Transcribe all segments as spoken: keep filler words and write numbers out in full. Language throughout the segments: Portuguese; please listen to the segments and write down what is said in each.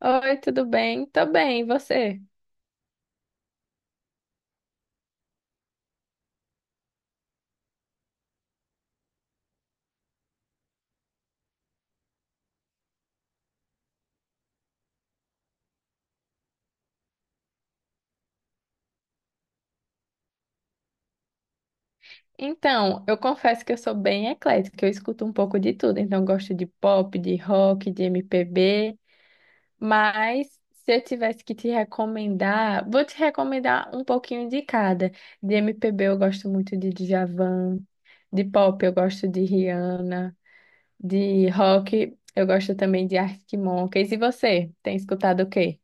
Oi, tudo bem? Tô bem, e você? Então, eu confesso que eu sou bem eclética, eu escuto um pouco de tudo, então eu gosto de pop, de rock, de M P B, mas se eu tivesse que te recomendar, vou te recomendar um pouquinho de cada. De M P B eu gosto muito de Djavan, de pop eu gosto de Rihanna, de rock eu gosto também de Arctic Monkeys. E você, tem escutado o quê?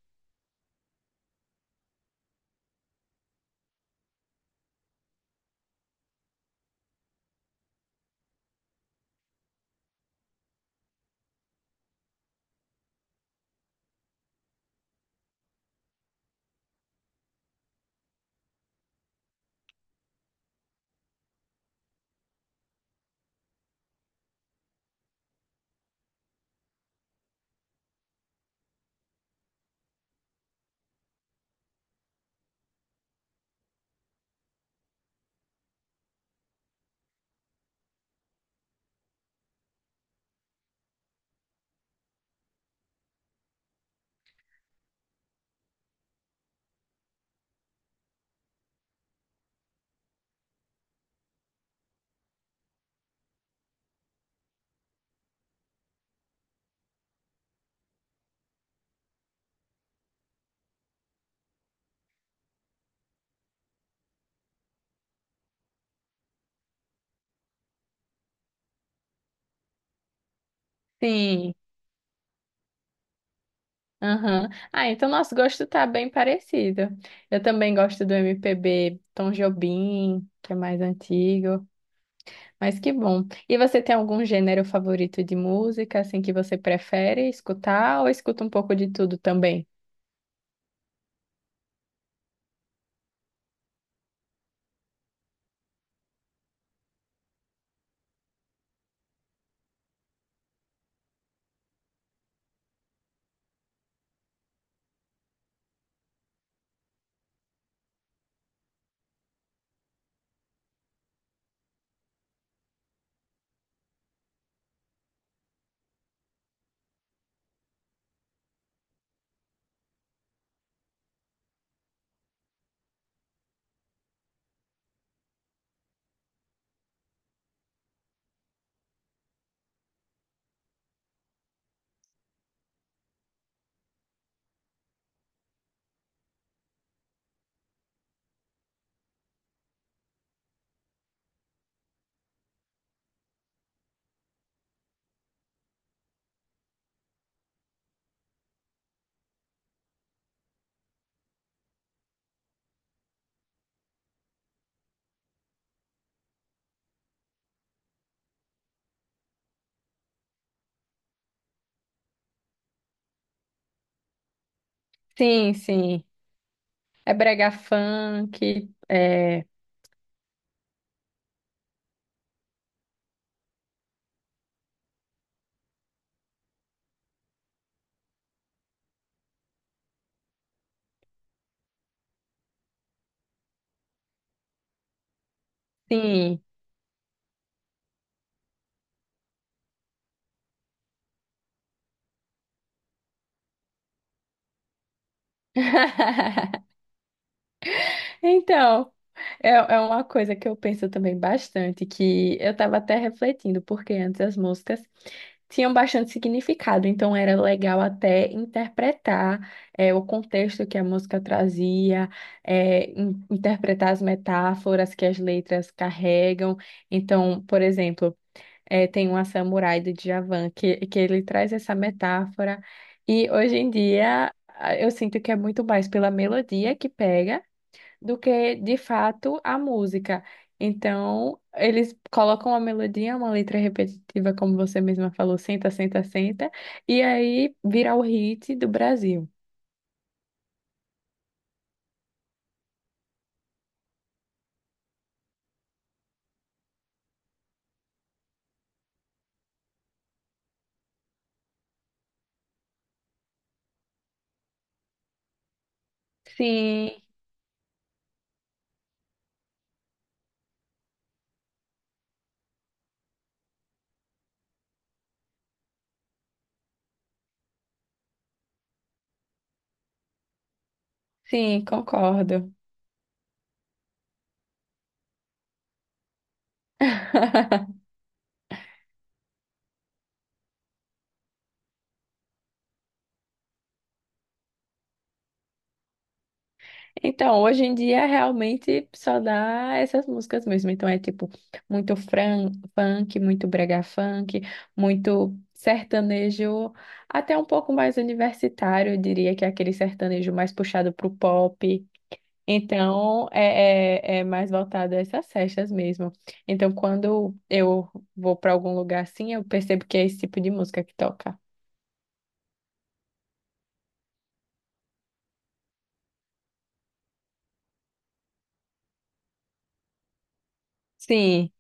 Sim. Aham. Ah, então nosso gosto tá bem parecido. Eu também gosto do M P B Tom Jobim, que é mais antigo, mas que bom. E você tem algum gênero favorito de música, assim, que você prefere escutar ou escuta um pouco de tudo também? Sim, sim. É brega funk, é... Sim. Então, é, é uma coisa que eu penso também bastante, que eu estava até refletindo, porque antes as músicas tinham bastante significado, então era legal até interpretar é, o contexto que a música trazia, é, in- interpretar as metáforas que as letras carregam. Então, por exemplo, é, tem uma Samurai do Djavan, que, que ele traz essa metáfora, e hoje em dia a- eu sinto que é muito mais pela melodia que pega do que de fato a música. Então, eles colocam uma melodia, uma letra repetitiva, como você mesma falou, senta, senta, senta, e aí vira o hit do Brasil. Sim, sim, concordo. Então, hoje em dia realmente só dá essas músicas mesmo. Então é tipo muito fran funk, muito brega funk, muito sertanejo, até um pouco mais universitário, eu diria que é aquele sertanejo mais puxado pro pop. Então, é, é, é mais voltado a essas festas mesmo. Então, quando eu vou para algum lugar assim, eu percebo que é esse tipo de música que toca. Sim.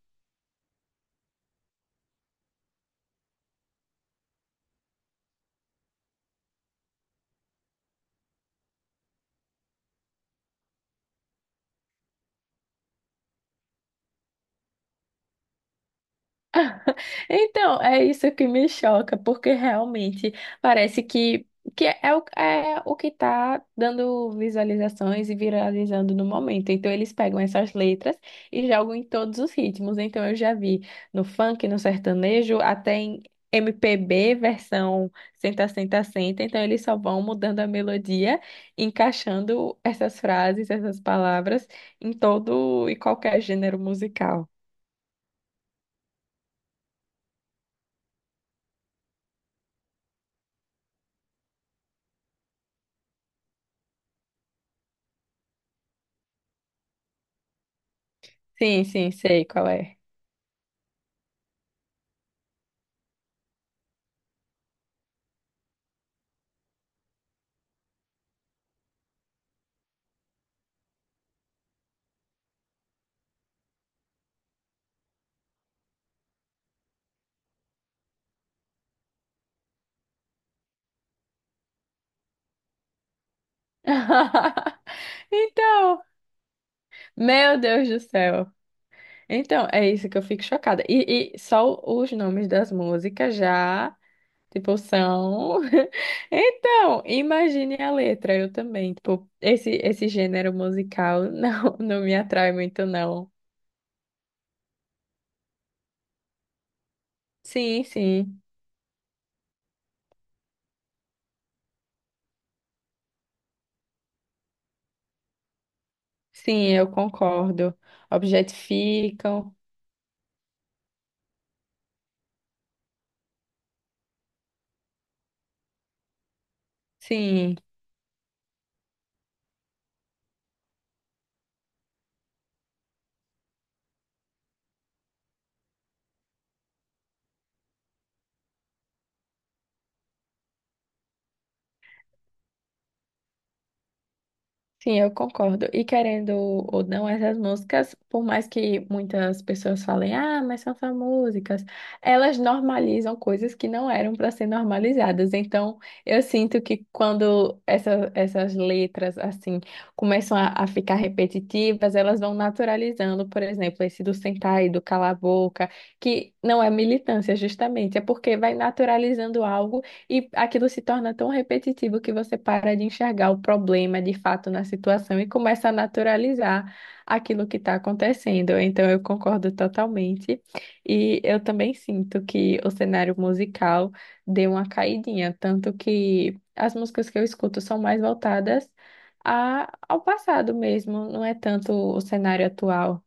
Então, é isso que me choca, porque realmente parece que, que é, o, é o que está dando visualizações e viralizando no momento. Então, eles pegam essas letras e jogam em todos os ritmos. Então, eu já vi no funk, no sertanejo, até em M P B, versão senta, senta, senta. Então, eles só vão mudando a melodia, encaixando essas frases, essas palavras em todo e qualquer gênero musical. Sim, sim, sei qual é. Então, meu Deus do céu. Então, é isso que eu fico chocada. E, e só os nomes das músicas já, tipo, são. Então, imagine a letra, eu também. Tipo, esse, esse gênero musical não, não me atrai muito, não. Sim, sim. Sim, eu concordo. Objetificam. Sim. Sim, eu concordo. E querendo ou não, essas músicas, por mais que muitas pessoas falem, ah, mas são só músicas, elas normalizam coisas que não eram para ser normalizadas. Então, eu sinto que quando essa, essas letras, assim, começam a, a ficar repetitivas, elas vão naturalizando, por exemplo, esse do sentar e do calar a boca, que não é militância, justamente, é porque vai naturalizando algo. E aquilo se torna tão repetitivo que você para de enxergar o problema de fato na situação e começa a naturalizar aquilo que está acontecendo. Então, eu concordo totalmente. E eu também sinto que o cenário musical deu uma caidinha, tanto que as músicas que eu escuto são mais voltadas a- ao passado mesmo, não é tanto o cenário atual.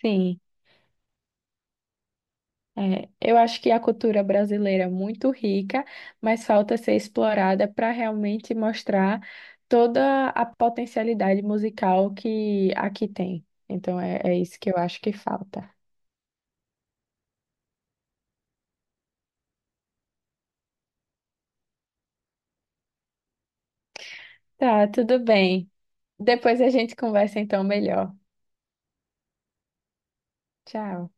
Sim. É, eu acho que a cultura brasileira é muito rica, mas falta ser explorada para realmente mostrar toda a potencialidade musical que aqui tem. Então é, é isso que eu acho que falta. Tá, tudo bem. Depois a gente conversa então melhor. Tchau.